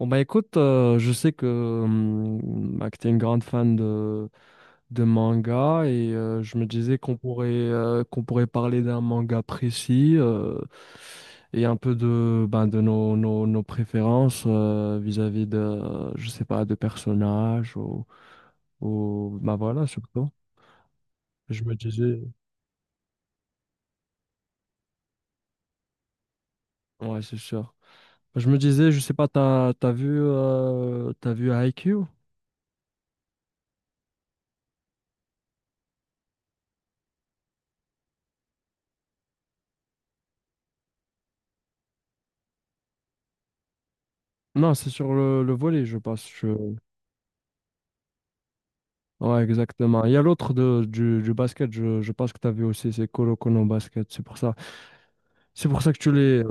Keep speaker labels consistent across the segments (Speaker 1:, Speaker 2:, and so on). Speaker 1: Bon bah écoute, je sais que, bah, que tu es une grande fan de manga et je me disais qu'on pourrait parler d'un manga précis, et un peu de, ben, de nos préférences, vis-à-vis de, je sais pas, de personnages ou bah voilà, surtout. Je me disais, ouais, c'est sûr. Je me disais, je sais pas, t'as vu Haikyuu? Non, c'est sur le volet, je pense. Ouais, exactement. Il y a l'autre du basket, je pense que tu as vu aussi, c'est Colo Colo basket. C'est pour ça que tu les,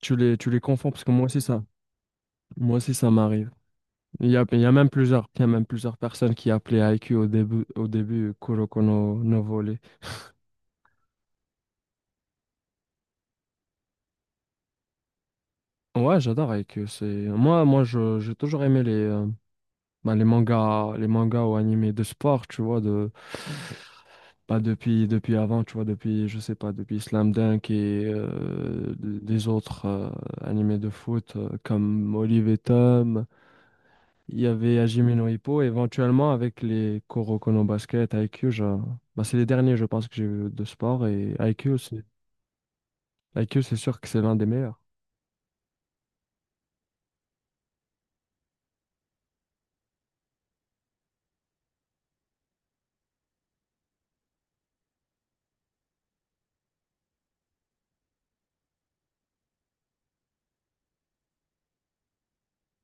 Speaker 1: tu les, tu les confonds, parce que moi aussi, ça m'arrive. Il y a même plusieurs personnes qui appelaient IQ au début Colo Colo no Volley. Ouais, j'adore IQ. Moi, j'ai toujours aimé ben, les mangas ou animés de sport, tu vois, de. Pas depuis, depuis avant, tu vois, je sais pas, depuis Slam Dunk et les autres animés de foot comme Olive et Tom, il y avait Hajime no Ippo, éventuellement avec les Kuroko no Basket, IQ, bah, c'est les derniers, je pense, que j'ai vu de sport, et IQ, c'est IQ, c'est sûr que c'est l'un des meilleurs.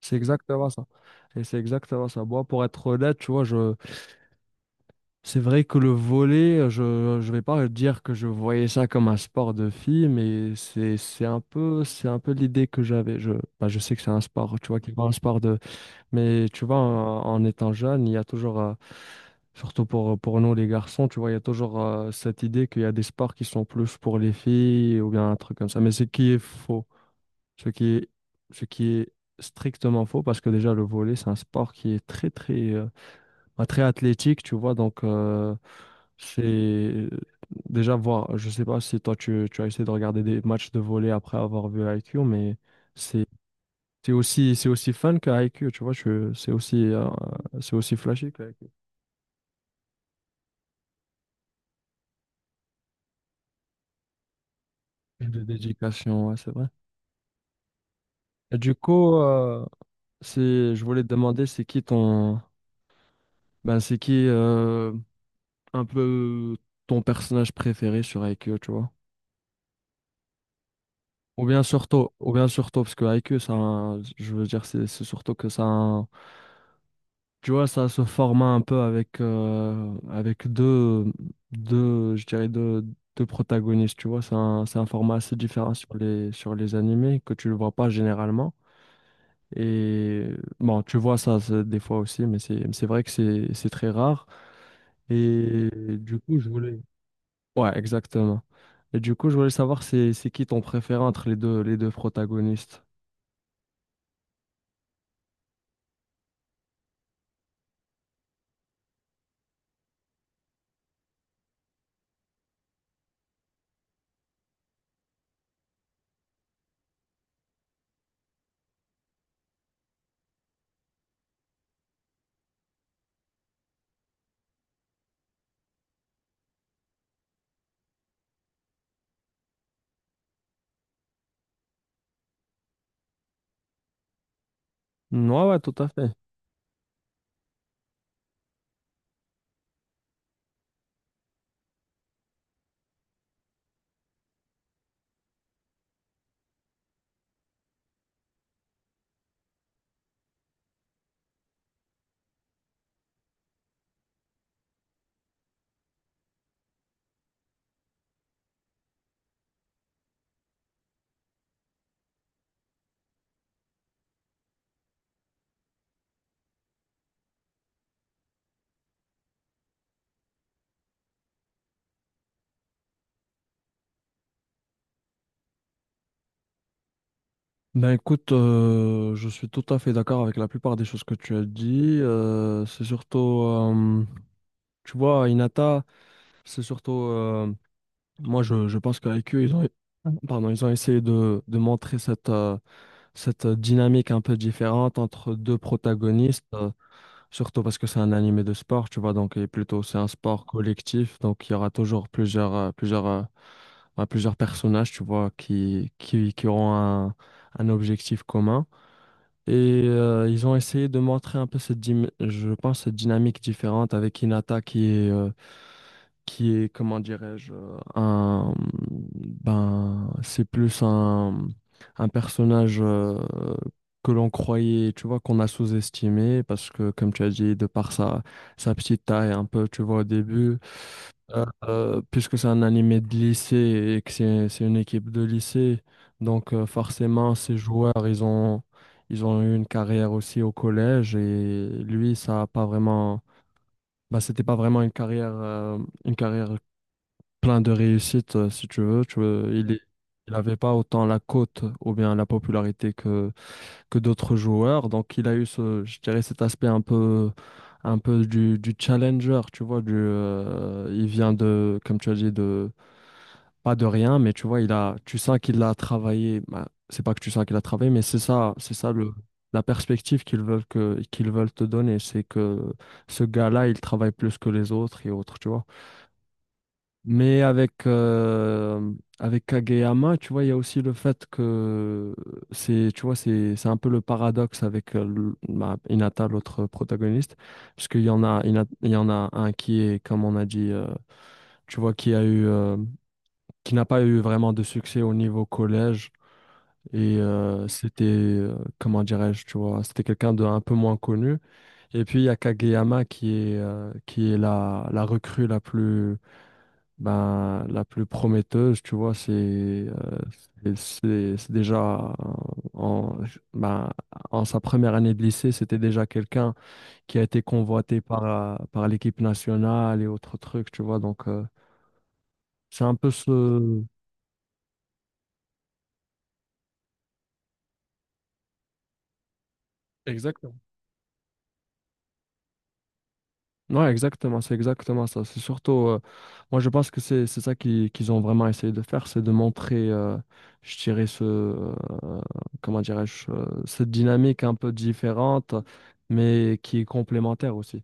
Speaker 1: C'est exactement ça. Et c'est exactement ça. Moi, pour être honnête, tu vois, c'est vrai que le volley, je vais pas dire que je voyais ça comme un sport de filles, mais c'est un peu l'idée que j'avais. Je bah, je sais que c'est un sport, tu vois, qui est pas un sport mais tu vois, en étant jeune, il y a toujours, surtout pour nous les garçons, tu vois, il y a toujours cette idée qu'il y a des sports qui sont plus pour les filles ou bien un truc comme ça. Mais ce qui est faux, ce qui est ce qui est strictement faux, parce que déjà le volley, c'est un sport qui est très très bah, très athlétique, tu vois, donc. C'est déjà voir, je sais pas si toi tu as essayé de regarder des matchs de volley après avoir vu IQ, mais c'est c'est aussi fun que IQ, tu vois, c'est aussi flashy que IQ. De dédication, ouais, c'est vrai. Et du coup, je voulais te demander, ben, c'est qui un peu ton personnage préféré sur IQ, tu vois? Ou bien surtout, parce que IQ, je veux dire, c'est surtout que ça. Tu vois, ça se format un peu avec je dirais deux protagonistes, tu vois. C'est un format assez différent sur les animés que tu ne vois pas généralement. Et bon, tu vois ça des fois aussi, mais c'est vrai que c'est très rare. Et du coup, Ouais, exactement. Et du coup, je voulais savoir c'est qui ton préféré entre les deux protagonistes. Ouais, ouais, tout à fait. Ben écoute, je suis tout à fait d'accord avec la plupart des choses que tu as dit. C'est surtout, tu vois, Inata, c'est surtout, moi je pense qu'avec eux, ils ont essayé de montrer cette dynamique un peu différente entre deux protagonistes, surtout parce que c'est un animé de sport, tu vois, donc et plutôt c'est un sport collectif, donc il y aura toujours plusieurs personnages, tu vois, qui auront un objectif commun. Ils ont essayé de montrer un peu je pense, cette dynamique différente avec Hinata qui est, comment dirais-je, un, ben, c'est plus un personnage que l'on croyait, tu vois, qu'on a sous-estimé parce que, comme tu as dit, de par sa petite taille un peu, tu vois, au début. Puisque c'est un animé de lycée et que c'est une équipe de lycée, donc forcément ces joueurs ils ont eu une carrière aussi au collège, et lui ça a pas vraiment, bah c'était pas vraiment une carrière, une carrière plein de réussite, si tu veux il avait pas autant la cote ou bien la popularité que d'autres joueurs, donc il a eu ce, je dirais, cet aspect un peu du challenger, tu vois, il vient de, comme tu as dit, pas de rien, mais tu vois, tu sens qu'il a travaillé. Bah, c'est pas que tu sens qu'il a travaillé, mais c'est ça, la perspective qu'ils veulent te donner, c'est que ce gars-là, il travaille plus que les autres et autres, tu vois. Mais avec Kageyama, tu vois, il y a aussi le fait que c'est, tu vois, c'est un peu le paradoxe avec bah, Hinata, l'autre protagoniste, parce qu'il y en a un qui est, comme on a dit, tu vois, qui n'a pas eu vraiment de succès au niveau collège. Comment dirais-je, tu vois, c'était quelqu'un de un peu moins connu. Et puis il y a Kageyama qui est la recrue la plus prometteuse, tu vois. Euh, c'est déjà en, ben, en sa première année de lycée, c'était déjà quelqu'un qui a été convoité par l'équipe nationale et autres trucs, tu vois. Donc c'est un peu ce. Exactement. Ouais, exactement, c'est exactement ça. C'est surtout, moi je pense que c'est ça qu'ils ont vraiment essayé de faire, c'est de montrer, je dirais, comment dirais-je, cette dynamique un peu différente, mais qui est complémentaire aussi.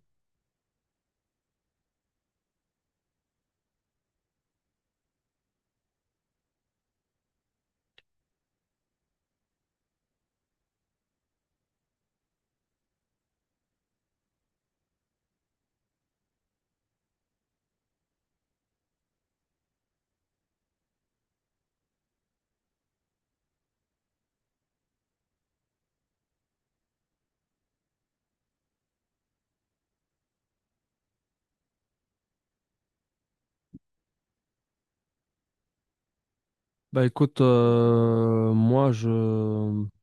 Speaker 1: Bah écoute, moi je,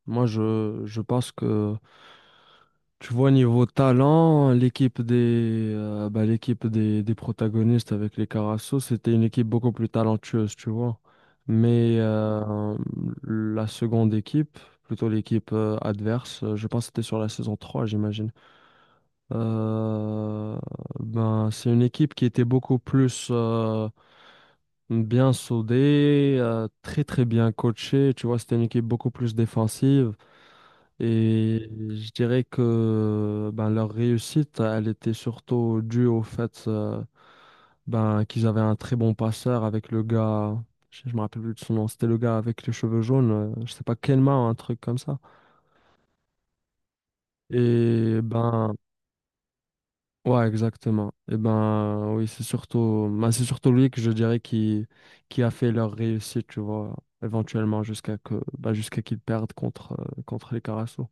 Speaker 1: moi je, je pense que tu vois, niveau talent, l'équipe bah, des protagonistes avec les Carasso, c'était une équipe beaucoup plus talentueuse, tu vois. Mais la seconde équipe, plutôt l'équipe adverse, je pense que c'était sur la saison trois, j'imagine. Euh, ben, c'est une équipe qui était beaucoup plus bien soudée, très très bien coachée, tu vois, c'était une équipe beaucoup plus défensive. Et je dirais que ben, leur réussite, elle était surtout due au fait, ben, qu'ils avaient un très bon passeur avec le gars, je me rappelle plus de son nom, c'était le gars avec les cheveux jaunes, je sais pas, Kelma, un truc comme ça. Et ben, ouais, exactement. Et ben, oui, c'est surtout lui que je dirais qui a fait leur réussite, tu vois, éventuellement jusqu'à qu'ils perdent contre, contre les Carasso.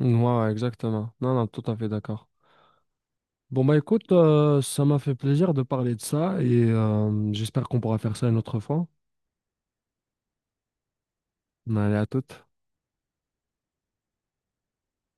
Speaker 1: Ouais, ouais, exactement. Non, non, tout à fait d'accord. Bon, bah écoute, ça m'a fait plaisir de parler de ça et j'espère qu'on pourra faire ça une autre fois. Allez, à toute.